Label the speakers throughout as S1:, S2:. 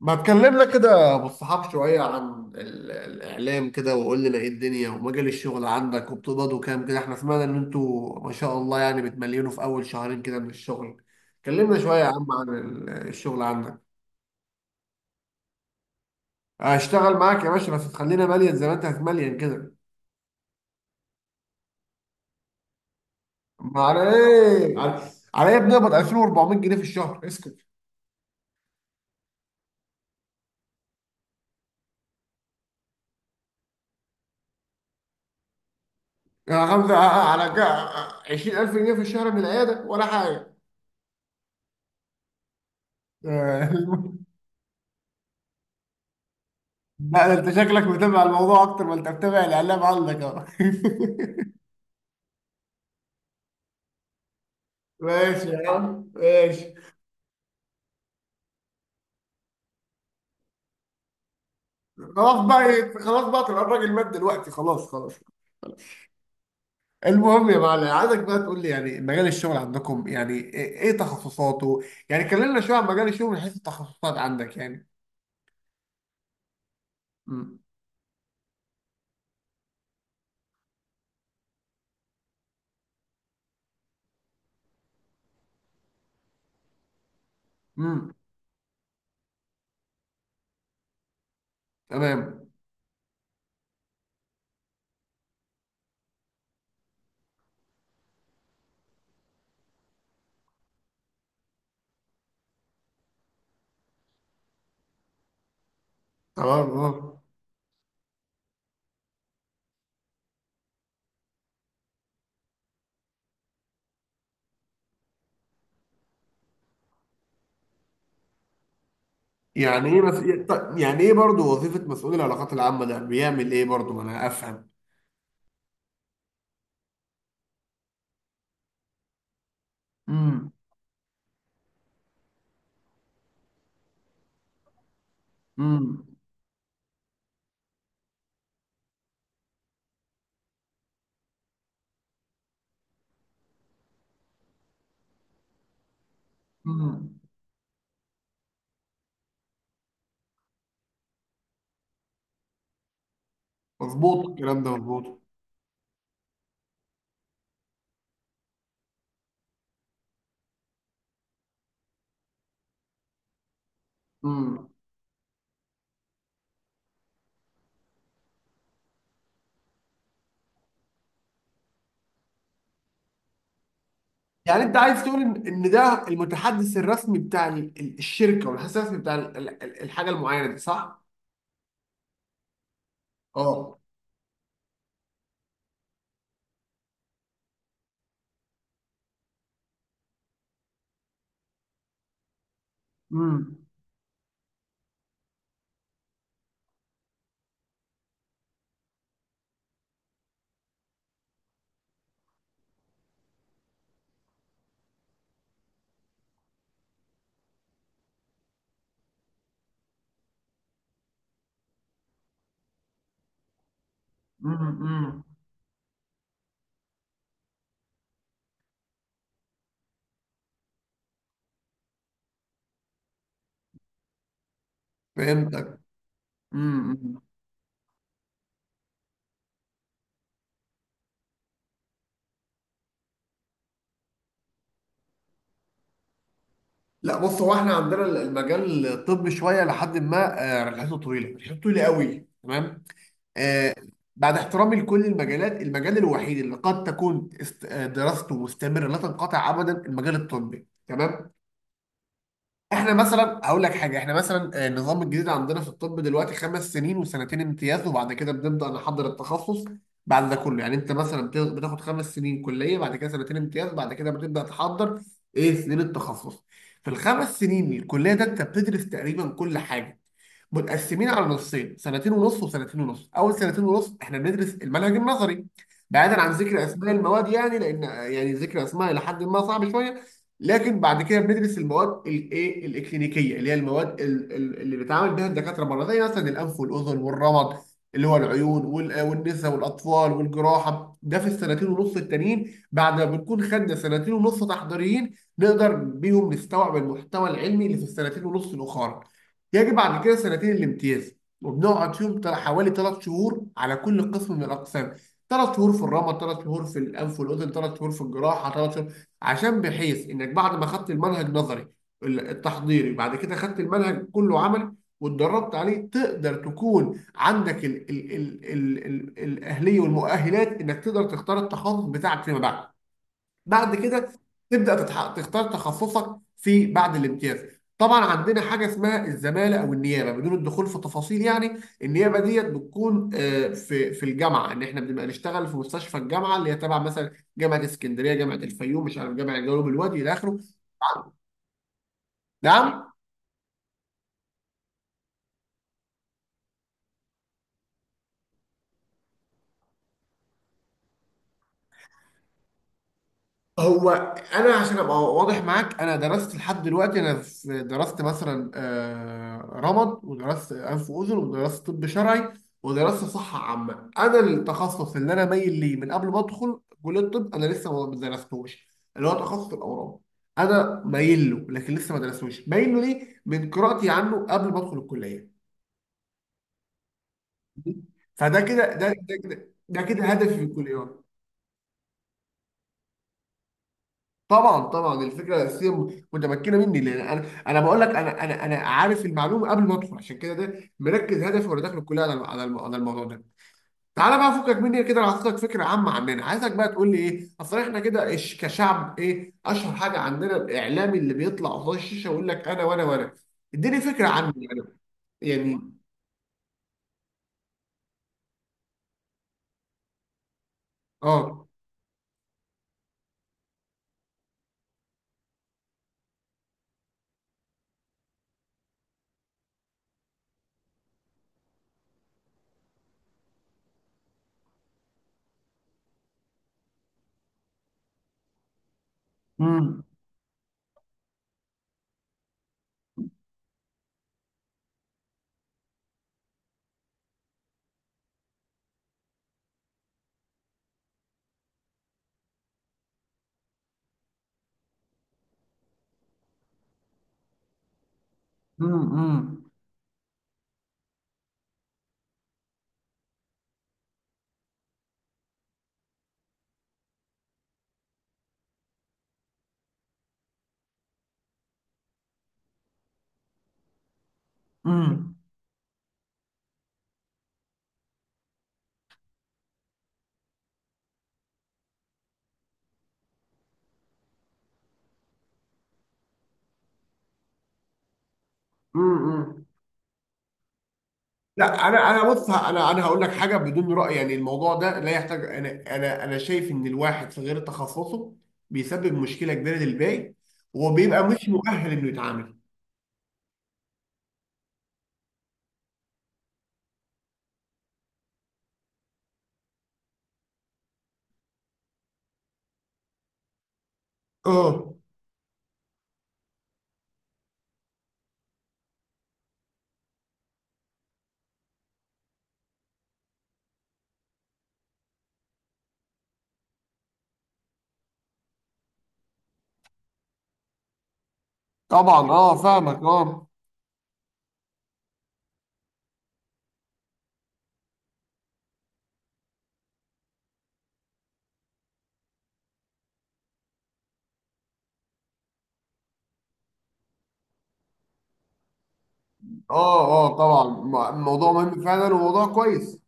S1: ما تكلمنا كده بالصحاب شوية عن الإعلام كده، وقول لنا إيه الدنيا ومجال الشغل عندك، وبتقبضوا كام كده؟ إحنا سمعنا إن أنتوا ما شاء الله يعني بتمليونوا في أول شهرين كده من الشغل. كلمنا شوية يا عم عن الشغل عندك. هشتغل معاك يا باشا، بس تخلينا مليان زي ما أنت هتمليان كده. ما على إيه على, على إيه؟ بنقبض 2400 جنيه في الشهر، اسكت يا غمزة على 20,000 جنيه في الشهر من العيادة ولا حاجة. لا ده انت شكلك متابع الموضوع اكتر ما انت متابع الاعلام عندك اهو. ماشي يا عم، ماشي. خلاص بقى إيه، خلاص بقى تبقى الراجل مات دلوقتي، خلاص خلاص. المهم يا معلم، عايزك بقى تقول لي يعني مجال الشغل عندكم يعني إيه تخصصاته. يعني كلمنا شويه عن مجال الشغل من حيث التخصصات عندك يعني. امم. امم. تمام. تمام. اه. يعني ايه مس... يعني ايه برضو وظيفه مسؤول العلاقات العامه ده بيعمل ايه برضو، ما انا افهم. امم. امم. مظبوط الكلام ده، مظبوط. امم. يعني انت عايز تقول إن ده المتحدث الرسمي بتاع الشركه، والمتحدث الرسمي بتاع الحاجه المعينه دي، صح؟ اه. امم. امم. فهمتك. امم. لا بص، هو احنا عندنا المجال الطبي شويه، لحد ما رحلته طويله، رحلته طويله قوي، تمام. آه، بعد احترامي لكل المجالات، المجال الوحيد اللي قد تكون دراسته مستمره لا تنقطع ابدا، المجال الطبي، تمام. احنا مثلا اقول لك حاجه، احنا مثلا النظام الجديد عندنا في الطب دلوقتي 5 سنين وسنتين امتياز، وبعد كده بنبدا نحضر التخصص. بعد ده كله يعني انت مثلا بتاخد 5 سنين كليه، بعد كده سنتين امتياز، بعد كده بتبدا تحضر ايه سنين التخصص. في الخمس سنين الكليه ده انت بتدرس تقريبا كل حاجه، متقسمين على نصين، سنتين ونص وسنتين ونص. اول سنتين ونص احنا بندرس المنهج النظري، بعيدا عن ذكر اسماء المواد يعني، لان يعني ذكر اسماء الى حد ما صعب شويه. لكن بعد كده بندرس المواد الايه الاكلينيكيه اللي هي المواد اللي بيتعامل بها الدكاتره بره، زي مثلا الانف والاذن والرمد اللي هو العيون، والنساء والاطفال والجراحه. ده في السنتين ونص التانيين، بعد ما بنكون خدنا سنتين ونص تحضيريين نقدر بيهم نستوعب المحتوى العلمي اللي في السنتين ونص الاخرى. يجب عن كده سنتين الامتياز، وبنقعد فيهم حوالي 3 شهور على كل قسم من الاقسام. 3 شهور في الرمد، 3 شهور في الانف والاذن، 3 شهور في الجراحه، 3 شهور، عشان بحيث انك بعد ما خدت المنهج نظري التحضيري، بعد كده خدت المنهج كله عملي، واتدربت عليه تقدر تكون عندك ال ال ال ال ال الاهليه والمؤهلات، انك تقدر تختار التخصص بتاعك فيما بعد. بعد كده تبدا تختار تخصصك في بعد الامتياز. طبعا عندنا حاجه اسمها الزماله او النيابه، بدون الدخول في تفاصيل يعني. النيابه ديت بتكون في الجامعه، ان احنا بنبقى نشتغل في مستشفى الجامعه اللي هي تبع مثلا جامعه اسكندريه، جامعه الفيوم، مش عارف، جامعه جنوب الوادي الى اخره. نعم. هو انا عشان ابقى واضح معاك، انا درست لحد دلوقتي انا في، درست مثلا رمد، ودرست انف واذن، ودرست طب شرعي، ودرست صحه عامه. انا التخصص اللي انا مايل ليه من قبل ما ادخل كليه الطب انا لسه ما درستوش، اللي هو تخصص الاورام. انا مايل له لكن لسه ما درستوش، مايل له ليه من قراءتي عنه قبل ما ادخل الكليه، فده كده ده ده كده ده كده هدفي في الكليه. طبعا طبعا الفكره الاساسيه متمكنه مني، لان انا بقول لك، انا عارف المعلومه قبل ما ادخل، عشان كده ده مركز هدفي وانا داخل الكليه على الموضوع ده. تعالى بقى فكك مني كده، انا هعطيك فكره عامه عننا، عايزك بقى تقول لي ايه، اصل احنا كده كشعب ايه اشهر حاجه عندنا. الاعلامي اللي بيطلع قصاد الشاشه ويقول لك انا وانا وانا، اديني فكره عنه يعني. يعني. اه. امم. امم. امم. امم. لا انا بص، انا هقول لك حاجه بدون راي يعني، الموضوع ده لا يحتاج. انا شايف ان الواحد في غير تخصصه بيسبب مشكله كبيره للباقي، وبيبقى مش مؤهل انه يتعامل. اه. طبعا. اه، فاهمك. اه. اه. اه طبعا. الموضوع مهم فعلا، وموضوع كويس.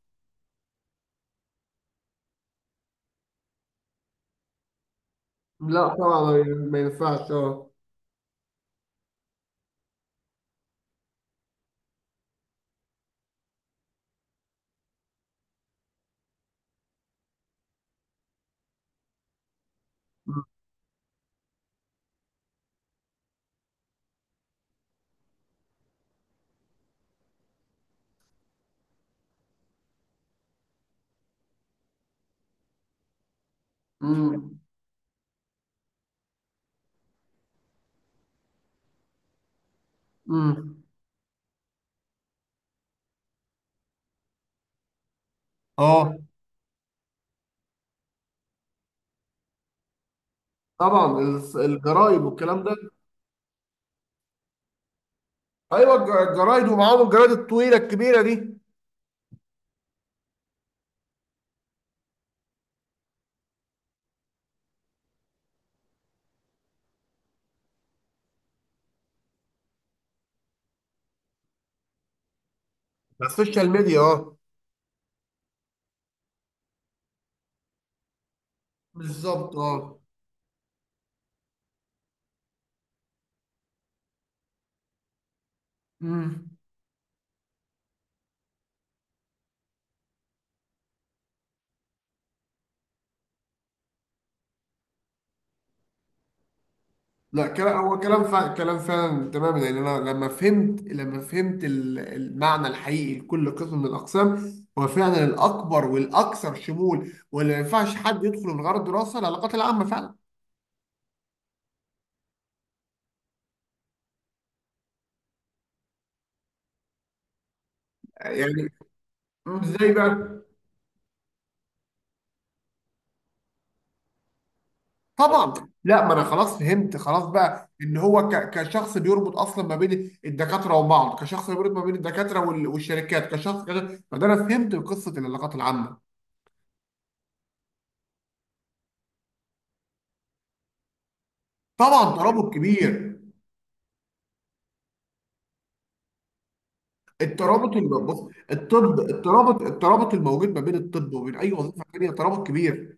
S1: لا طبعا ما ينفعش. اه. امم. امم. اه. طبعا. الجرايد والكلام ده. ايوه الجرايد، ومعاهم الجرايد الطويله الكبيره دي. على السوشيال ميديا. اه، بالظبط. اه. امم. لا، كلام هو كلام فعلا، كلام فعلا، تمام. لان انا لما فهمت المعنى الحقيقي لكل قسم من الاقسام، هو فعلا الاكبر والاكثر شمول، واللي ما ينفعش حد يدخل من غير الدراسه، العلاقات العامه فعلا. يعني. ازاي بقى؟ طبعا. لا ما انا خلاص فهمت، خلاص بقى ان هو كشخص بيربط اصلا ما بين الدكاتره وبعض، كشخص بيربط ما بين الدكاتره والشركات، كشخص كده. فده انا فهمت قصه العلاقات العامه. طبعا، ترابط كبير. الترابط بص، الطب، الترابط الموجود ما بين الطب وبين اي وظيفه ثانيه ترابط كبير.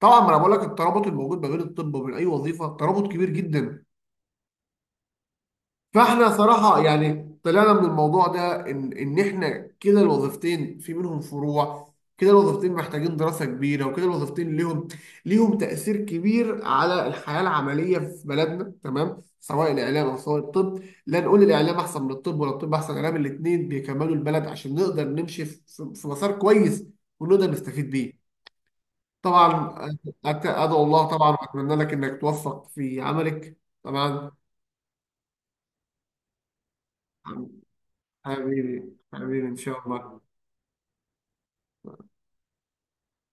S1: طبعا، ما انا بقول لك الترابط الموجود ما بين الطب وبين اي وظيفه ترابط كبير جدا. فاحنا صراحة يعني طلعنا من الموضوع ده، ان احنا كده الوظيفتين في منهم فروع، كده الوظيفتين محتاجين دراسة كبيرة، وكده الوظيفتين ليهم تأثير كبير على الحياة العملية في بلدنا. تمام، سواء الإعلام أو سواء الطب، لا نقول الإعلام أحسن من الطب ولا الطب أحسن من الإعلام، الاتنين بيكملوا البلد عشان نقدر نمشي في مسار كويس، ونقدر نستفيد بيه. طبعا. أدعو الله طبعا وأتمنى لك إنك توفق في عملك. طبعا، حبيبي حبيبي، إن شاء الله.